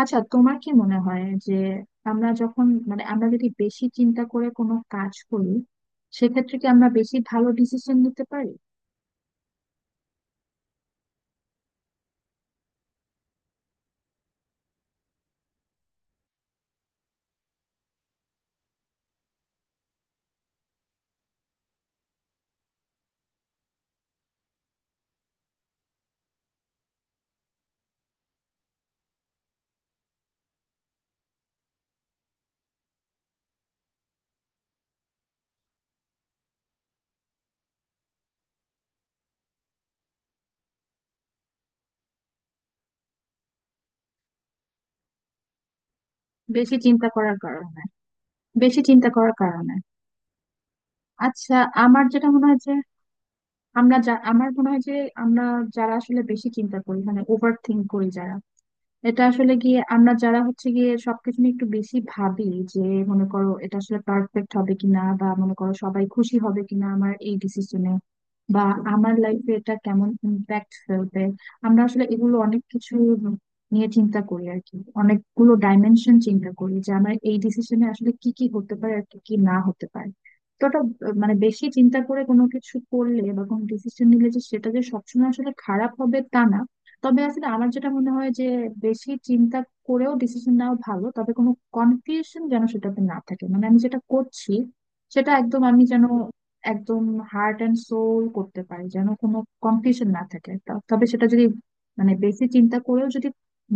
আচ্ছা, তোমার কি মনে হয় যে আমরা যখন মানে আমরা যদি বেশি চিন্তা করে কোনো কাজ করি সেক্ষেত্রে কি আমরা বেশি ভালো ডিসিশন নিতে পারি? বেশি চিন্তা করার কারণে বেশি চিন্তা করার কারণে। আচ্ছা, আমার যেটা মনে হয় যে, আমার মনে হয় যে আমরা যারা আসলে বেশি চিন্তা করি, মানে ওভার থিঙ্ক করি যারা, এটা আসলে গিয়ে আমরা যারা হচ্ছে গিয়ে সবকিছু নিয়ে একটু বেশি ভাবি যে মনে করো এটা আসলে পারফেক্ট হবে কিনা, বা মনে করো সবাই খুশি হবে কিনা আমার এই ডিসিশনে, বা আমার লাইফে এটা কেমন ইম্প্যাক্ট ফেলবে। আমরা আসলে এগুলো অনেক কিছু নিয়ে চিন্তা করি আর কি, অনেকগুলো ডাইমেনশন চিন্তা করি যে আমার এই ডিসিশনে আসলে কি কি হতে পারে আর কি কি না হতে পারে। তো ওটা মানে, বেশি চিন্তা করে কোনো কিছু করলে বা কোনো ডিসিশন নিলে যে সেটা যে সবসময় আসলে খারাপ হবে তা না। তবে আসলে আমার যেটা মনে হয় যে বেশি চিন্তা করেও ডিসিশন নেওয়া ভালো, তবে কোনো কনফিউশন যেন সেটাতে না থাকে। মানে আমি যেটা করছি সেটা একদম আমি যেন একদম হার্ট অ্যান্ড সোল করতে পারি, যেন কোনো কনফিউশন না থাকে। তবে সেটা যদি মানে বেশি চিন্তা করেও যদি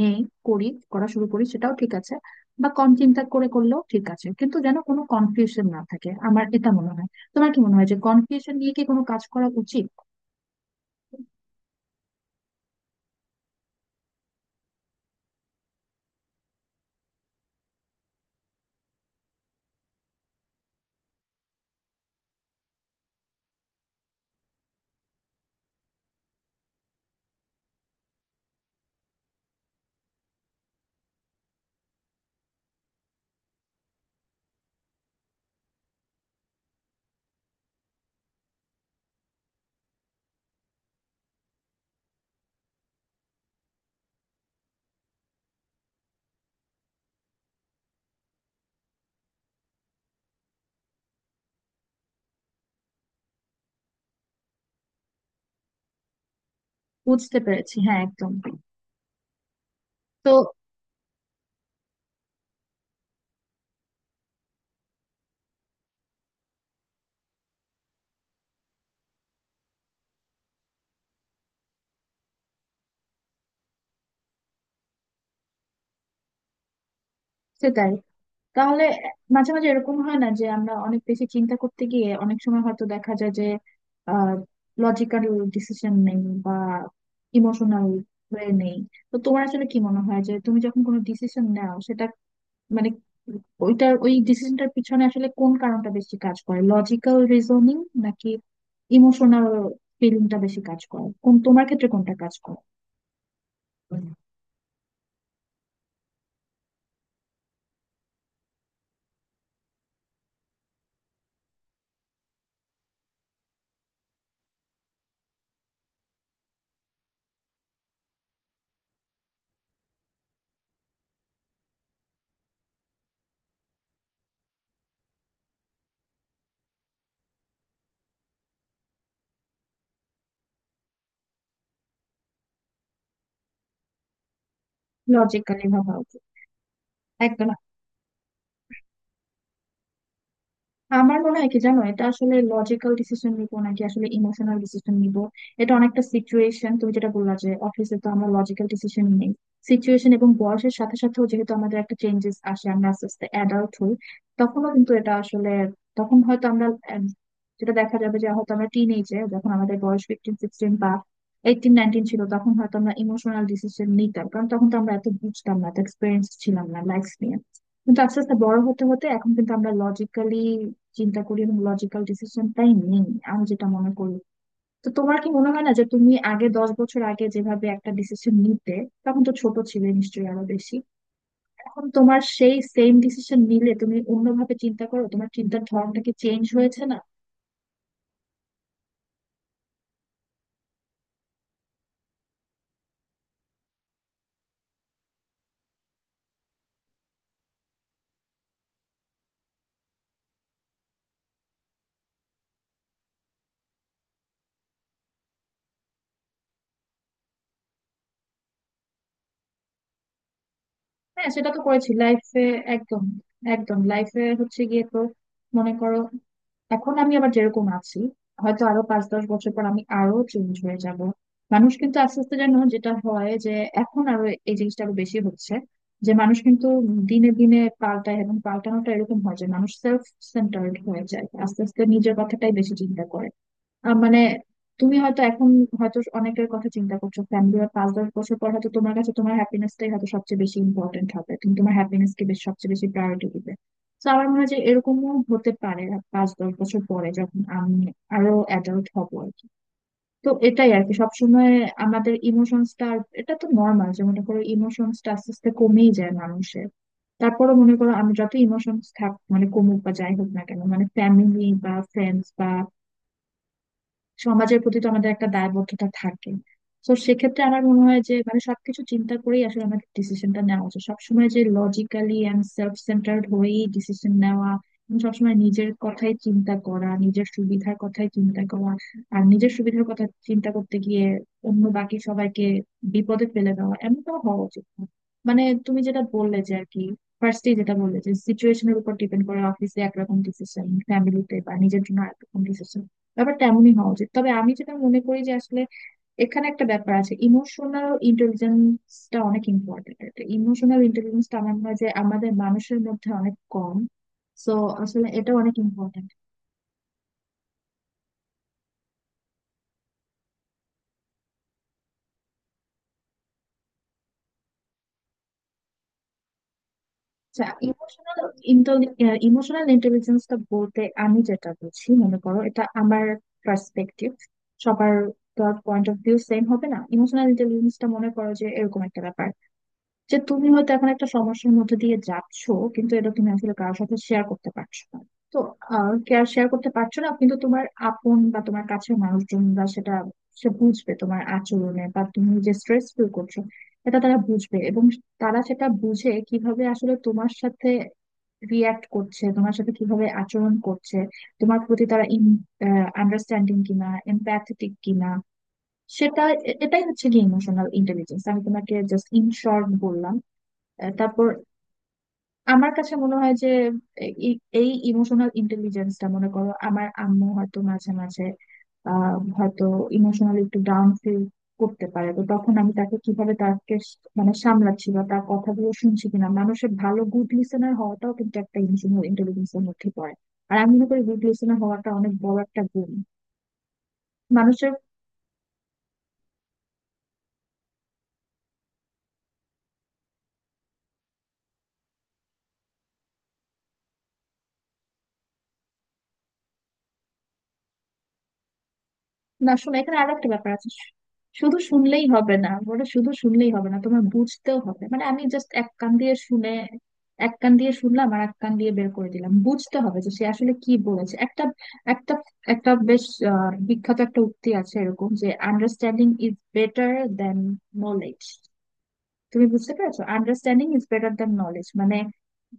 নেই করি করা শুরু করি সেটাও ঠিক আছে, বা কম চিন্তা করে করলেও ঠিক আছে, কিন্তু যেন কোনো কনফিউশন না থাকে, আমার এটা মনে হয়। তোমার কি মনে হয় যে কনফিউশন নিয়ে কি কোনো কাজ করা উচিত? বুঝতে পেরেছি, হ্যাঁ, একদম। তো সেটাই। তাহলে মাঝে মাঝে এরকম হয় না যে আমরা অনেক বেশি চিন্তা করতে গিয়ে অনেক সময় হয়তো দেখা যায় যে লজিক্যাল ডিসিশন নেই বা ইমোশনাল হয়ে নেই? তো তোমার আসলে কি মনে হয় যে তুমি যখন কোনো ডিসিশন নাও, সেটা মানে ওইটার ওই ডিসিশনটার পিছনে আসলে কোন কারণটা বেশি কাজ করে? লজিক্যাল রিজনিং নাকি ইমোশনাল ফিলিংটা বেশি কাজ করে? কোন, তোমার ক্ষেত্রে কোনটা কাজ করে? লজিক্যালি ভাবা উচিত। একদম। আমার মনে হয় কি জানো, এটা আসলে লজিক্যাল ডিসিশন নিবো নাকি আসলে ইমোশনাল ডিসিশন নিব, এটা অনেকটা সিচুয়েশন। তুমি যেটা বললা যে অফিসে তো আমরা লজিক্যাল ডিসিশন নেই, সিচুয়েশন এবং বয়সের সাথে সাথেও যেহেতু আমাদের একটা চেঞ্জেস আসে, আমরা আস্তে আস্তে অ্যাডাল্ট হই, তখনও কিন্তু এটা আসলে, তখন হয়তো আমরা আহ, যেটা দেখা যাবে যে হয়তো আমরা টিন এজে যখন আমাদের বয়স 15-16 বা 18-19 ছিল তখন হয়তো আমরা ইমোশনাল ডিসিশন নিতাম, কারণ তখন তো আমরা এত বুঝতাম না, এত এক্সপিরিয়েন্স ছিলাম না লাইফ নিয়ে। কিন্তু আস্তে আস্তে বড় হতে হতে এখন কিন্তু আমরা চিন্তা করি এবং লজিক্যাল ডিসিশনটাই নেই, আমি যেটা মনে করি। তো তোমার কি মনে হয় না যে তুমি আগে, 10 বছর আগে যেভাবে একটা ডিসিশন নিতে, তখন তো ছোট ছিলে নিশ্চয়ই আরো বেশি, এখন তোমার সেই সেম ডিসিশন নিলে তুমি অন্যভাবে চিন্তা করো? তোমার চিন্তার ধরনটা কি চেঞ্জ হয়েছে না? হ্যাঁ, সেটা তো করেছি লাইফে। একদম, একদম। লাইফে হচ্ছে গিয়ে তো মনে করো এখন আমি আবার যেরকম আছি, হয়তো আরো 5-10 বছর পর আমি আরো চেঞ্জ হয়ে যাব। মানুষ কিন্তু আস্তে আস্তে যেন যেটা হয় যে এখন আরো, এই জিনিসটা আরো বেশি হচ্ছে যে, মানুষ কিন্তু দিনে দিনে পাল্টায় এবং পাল্টানোটা এরকম হয় যে মানুষ সেলফ সেন্টার্ড হয়ে যায় আস্তে আস্তে, নিজের কথাটাই বেশি চিন্তা করে। মানে, তুমি হয়তো এখন, হয়তো অনেকের কথা চিন্তা করছো ফ্যামিলি, আর 5-10 বছর পর হয়তো তোমার কাছে তোমার হ্যাপিনেসটাই হয়তো সবচেয়ে বেশি ইম্পর্টেন্ট হবে, তুমি তোমার হ্যাপিনেস কে বেশ সবচেয়ে বেশি প্রায়োরিটি দিবে। তো আমার মনে হয় যে এরকমও হতে পারে 5-10 বছর পরে, যখন আমি আরো অ্যাডাল্ট হব আর কি। তো এটাই আর কি, সবসময় আমাদের ইমোশনসটা, এটা তো নর্মাল যে মনে করো ইমোশনসটা আস্তে আস্তে কমেই যায় মানুষের। তারপরও মনে করো আমি যত ইমোশনস থাক, মানে কমুক বা যাই হোক না কেন, মানে ফ্যামিলি বা ফ্রেন্ডস, সমাজের প্রতি তো আমাদের একটা দায়বদ্ধতা থাকে। তো সেক্ষেত্রে আমার মনে হয় যে মানে সবকিছু চিন্তা করেই আসলে আমাদের ডিসিশনটা নেওয়া উচিত সবসময়, যে লজিক্যালি এন্ড সেলফ সেন্টার্ড হয়েই ডিসিশন নেওয়া এবং সবসময় নিজের কথাই চিন্তা করা, নিজের সুবিধার কথাই চিন্তা করা। আর নিজের সুবিধার কথা চিন্তা করতে গিয়ে অন্য বাকি সবাইকে বিপদে ফেলে দেওয়া, এমনটাও হওয়া উচিত না। মানে, তুমি যেটা বললে যে আর কি, ফার্স্টেই যেটা বললে যে সিচুয়েশনের উপর ডিপেন্ড করে, অফিসে একরকম ডিসিশন, ফ্যামিলিতে বা নিজের জন্য একরকম ডিসিশন, ব্যাপারটা এমনই হওয়া উচিত। তবে আমি যেটা মনে করি যে আসলে এখানে একটা ব্যাপার আছে, ইমোশনাল ইন্টেলিজেন্সটা অনেক ইম্পর্টেন্ট। এটা ইমোশনাল ইন্টেলিজেন্সটা আমার মনে হয় যে আমাদের মানুষের মধ্যে অনেক কম। সো আসলে এটা অনেক ইম্পর্টেন্ট। আচ্ছা, ইমোশনাল ইমোশনাল ইন্টেলিজেন্সটা বলতে আমি যেটা বুঝি, মনে করো এটা আমার পার্সপেক্টিভ, সবার পয়েন্ট অফ ভিউ সেম হবে না। ইমোশনাল ইন্টেলিজেন্সটা মনে করো যে এরকম একটা ব্যাপার যে তুমি হয়তো এখন একটা সমস্যার মধ্যে দিয়ে যাচ্ছ, কিন্তু এটা তুমি আসলে কারোর সাথে শেয়ার করতে পারছো না। তো কেয়ার শেয়ার করতে পারছো না, কিন্তু তোমার আপন বা তোমার কাছের মানুষজন বা সেটা, সে বুঝবে তোমার আচরণে বা তুমি যে স্ট্রেস ফিল করছো, এটা তারা বুঝবে এবং তারা সেটা বুঝে কিভাবে আসলে তোমার সাথে রিয়াক্ট করছে, তোমার সাথে কিভাবে আচরণ করছে, তোমার প্রতি তারা আন্ডারস্ট্যান্ডিং কিনা, এমপ্যাথেটিক কিনা, সেটা, এটাই হচ্ছে কি ইমোশনাল ইন্টেলিজেন্স। আমি তোমাকে জাস্ট ইন শর্ট বললাম। আহ, তারপর আমার কাছে মনে হয় যে এই, এই ইমোশনাল ইন্টেলিজেন্সটা মনে করো আমার আম্মু হয়তো মাঝে মাঝে, আহ, হয়তো ইমোশনালি একটু ডাউন ফিল করতে পারে, তো তখন আমি তাকে কিভাবে, তাকে মানে সামলাচ্ছি বা তার কথাগুলো শুনছি কিনা, মানুষের ভালো গুড লিসেনার হওয়াটাও কিন্তু একটা ইমোশনাল ইন্টেলিজেন্সের মধ্যে পড়ে। আর আমি মনে করি গুড লিসেনার হওয়াটা অনেক বড় একটা গুণ মানুষের। না, শোনো, এখানে আরেকটা ব্যাপার আছে, শুধু শুনলেই হবে না বলে, শুধু শুনলেই হবে না, তোমার বুঝতেও হবে। মানে আমি জাস্ট এক কান দিয়ে শুনে, এক কান দিয়ে শুনলাম আর এক কান দিয়ে বের করে দিলাম, বুঝতে হবে যে সে আসলে কি বলেছে। একটা একটা একটা বেশ বিখ্যাত একটা উক্তি আছে এরকম যে, understanding is better than knowledge. তুমি বুঝতে পেরেছো, understanding is better than knowledge মানে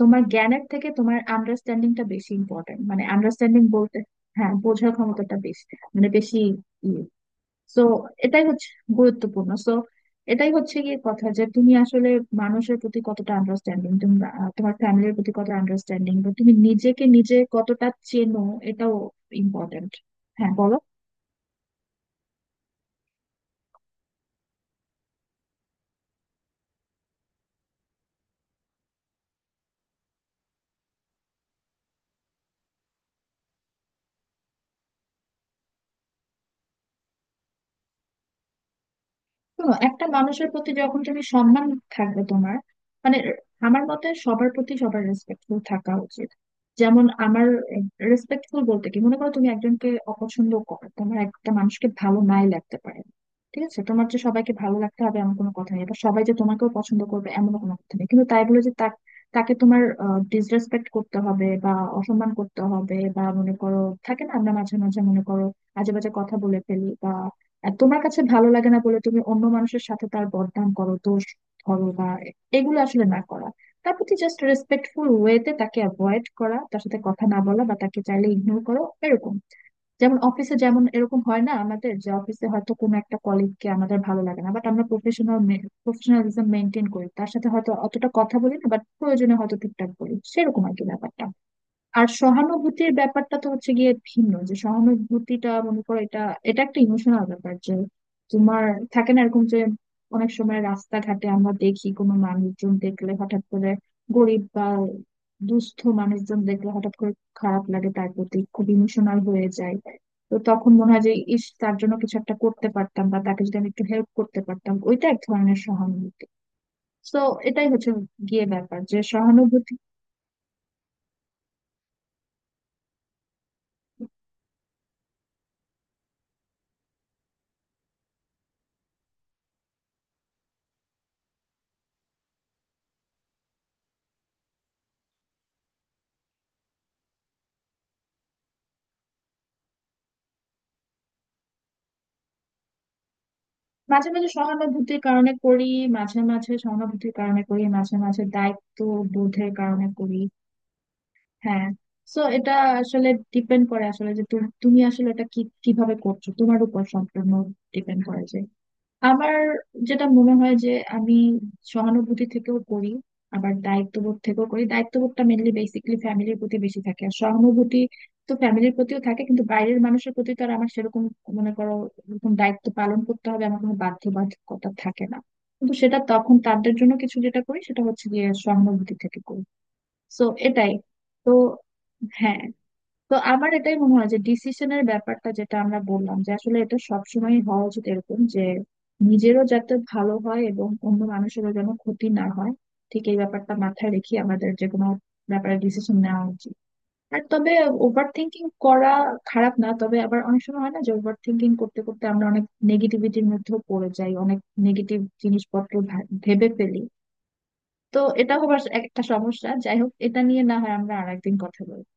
তোমার জ্ঞানের থেকে তোমার আন্ডারস্ট্যান্ডিংটা বেশি ইম্পর্টেন্ট। মানে আন্ডারস্ট্যান্ডিং বলতে, হ্যাঁ, বোঝার ক্ষমতাটা বেশি, মানে বেশি ইয়ে। তো এটাই হচ্ছে গুরুত্বপূর্ণ। সো এটাই হচ্ছে গিয়ে কথা যে তুমি আসলে মানুষের প্রতি কতটা আন্ডারস্ট্যান্ডিং তুমি, তোমার ফ্যামিলির প্রতি কতটা আন্ডারস্ট্যান্ডিং, বা তুমি নিজেকে নিজে কতটা চেনো, এটাও ইম্পর্টেন্ট। হ্যাঁ, বলো। শোনো, একটা মানুষের প্রতি যখন তুমি সম্মান থাকবে তোমার, মানে আমার মতে সবার প্রতি সবার রেসপেক্টফুল থাকা উচিত। যেমন আমার, রেসপেক্টফুল বলতে কি, মনে করো তুমি একজনকে অপছন্দ করো, তোমার একটা মানুষকে ভালো নাই লাগতে পারে, ঠিক আছে, তোমার যে সবাইকে ভালো লাগতে হবে এমন কোনো কথা নেই, বা সবাই যে তোমাকেও পছন্দ করবে এমন কোনো কথা নেই, কিন্তু তাই বলে যে তাকে তোমার ডিসরেসপেক্ট করতে হবে বা অসম্মান করতে হবে, বা মনে করো থাকে না, আমরা মাঝে মাঝে মনে করো আজে বাজে কথা বলে ফেলি আর তোমার কাছে ভালো লাগে না বলে তুমি অন্য মানুষের সাথে তার বদনাম করো, দোষ ধরো বা, এগুলো আসলে না করা, তার প্রতি জাস্ট রেসপেক্টফুল ওয়েতে তাকে অ্যাভয়েড করা, তার সাথে কথা না বলা, বা তাকে চাইলে ইগনোর করো এরকম। যেমন অফিসে, যেমন এরকম হয় না আমাদের, যে অফিসে হয়তো কোনো একটা কলিগকে আমাদের ভালো লাগে না, বাট আমরা প্রফেশনাল প্রফেশনালিজম মেনটেন করি, তার সাথে হয়তো অতটা কথা বলি না বাট প্রয়োজনে হয়তো ঠিকঠাক বলি, সেরকম আর কি ব্যাপারটা। আর সহানুভূতির ব্যাপারটা তো হচ্ছে গিয়ে ভিন্ন, যে সহানুভূতিটা মনে করো এটা, এটা একটা ইমোশনাল ব্যাপার যে তোমার থাকে না এরকম যে, অনেক সময় রাস্তাঘাটে আমরা দেখি কোনো মানুষজন দেখলে হঠাৎ করে, গরিব বা দুস্থ মানুষজন দেখলে হঠাৎ করে খারাপ লাগে, তার প্রতি খুব ইমোশনাল হয়ে যায়। তো তখন মনে হয় যে, ইস, তার জন্য কিছু একটা করতে পারতাম বা তাকে যদি আমি একটু হেল্প করতে পারতাম, ওইটা এক ধরনের সহানুভূতি। তো এটাই হচ্ছে গিয়ে ব্যাপার যে সহানুভূতি। মাঝে মাঝে সহানুভূতির কারণে করি মাঝে মাঝে সহানুভূতির কারণে করি, মাঝে মাঝে দায়িত্ব বোধের কারণে করি। হ্যাঁ। তো এটা আসলে ডিপেন্ড করে আসলে যে তুমি তুমি আসলে এটা কি কিভাবে করছো, তোমার উপর সম্পূর্ণ ডিপেন্ড করে যে আমার যেটা মনে হয় যে আমি সহানুভূতি থেকেও করি, আবার দায়িত্ববোধ থেকেও করি। দায়িত্ববোধটা মেনলি বেসিক্যালি ফ্যামিলির প্রতি বেশি থাকে, আর সহানুভূতি তো ফ্যামিলির প্রতিও থাকে, কিন্তু বাইরের মানুষের প্রতি তো আর আমার সেরকম মনে করো এরকম দায়িত্ব পালন করতে হবে, আমার কোনো বাধ্যবাধকতা থাকে না। কিন্তু সেটা তখন তাদের জন্য কিছু যেটা করি, সেটা হচ্ছে গিয়ে সহানুভূতি থেকে করি। তো এটাই। তো হ্যাঁ, তো আমার এটাই মনে হয় যে ডিসিশনের ব্যাপারটা যেটা আমরা বললাম, যে আসলে এটা সবসময় হওয়া উচিত এরকম যে নিজেরও যাতে ভালো হয় এবং অন্য মানুষেরও যেন ক্ষতি না হয়, ঠিক এই ব্যাপারটা মাথায় রেখে আমাদের যে কোনো ব্যাপারে ডিসিশন নেওয়া উচিত। আর তবে ওভার থিঙ্কিং করা খারাপ না, তবে আবার অনেক সময় হয় না যে ওভার থিঙ্কিং করতে করতে আমরা অনেক নেগেটিভিটির মধ্যেও পড়ে যাই, অনেক নেগেটিভ জিনিসপত্র ভেবে ফেলি। তো এটা হবার একটা সমস্যা। যাই হোক, এটা নিয়ে না হয় আমরা আরেকদিন কথা বলবো।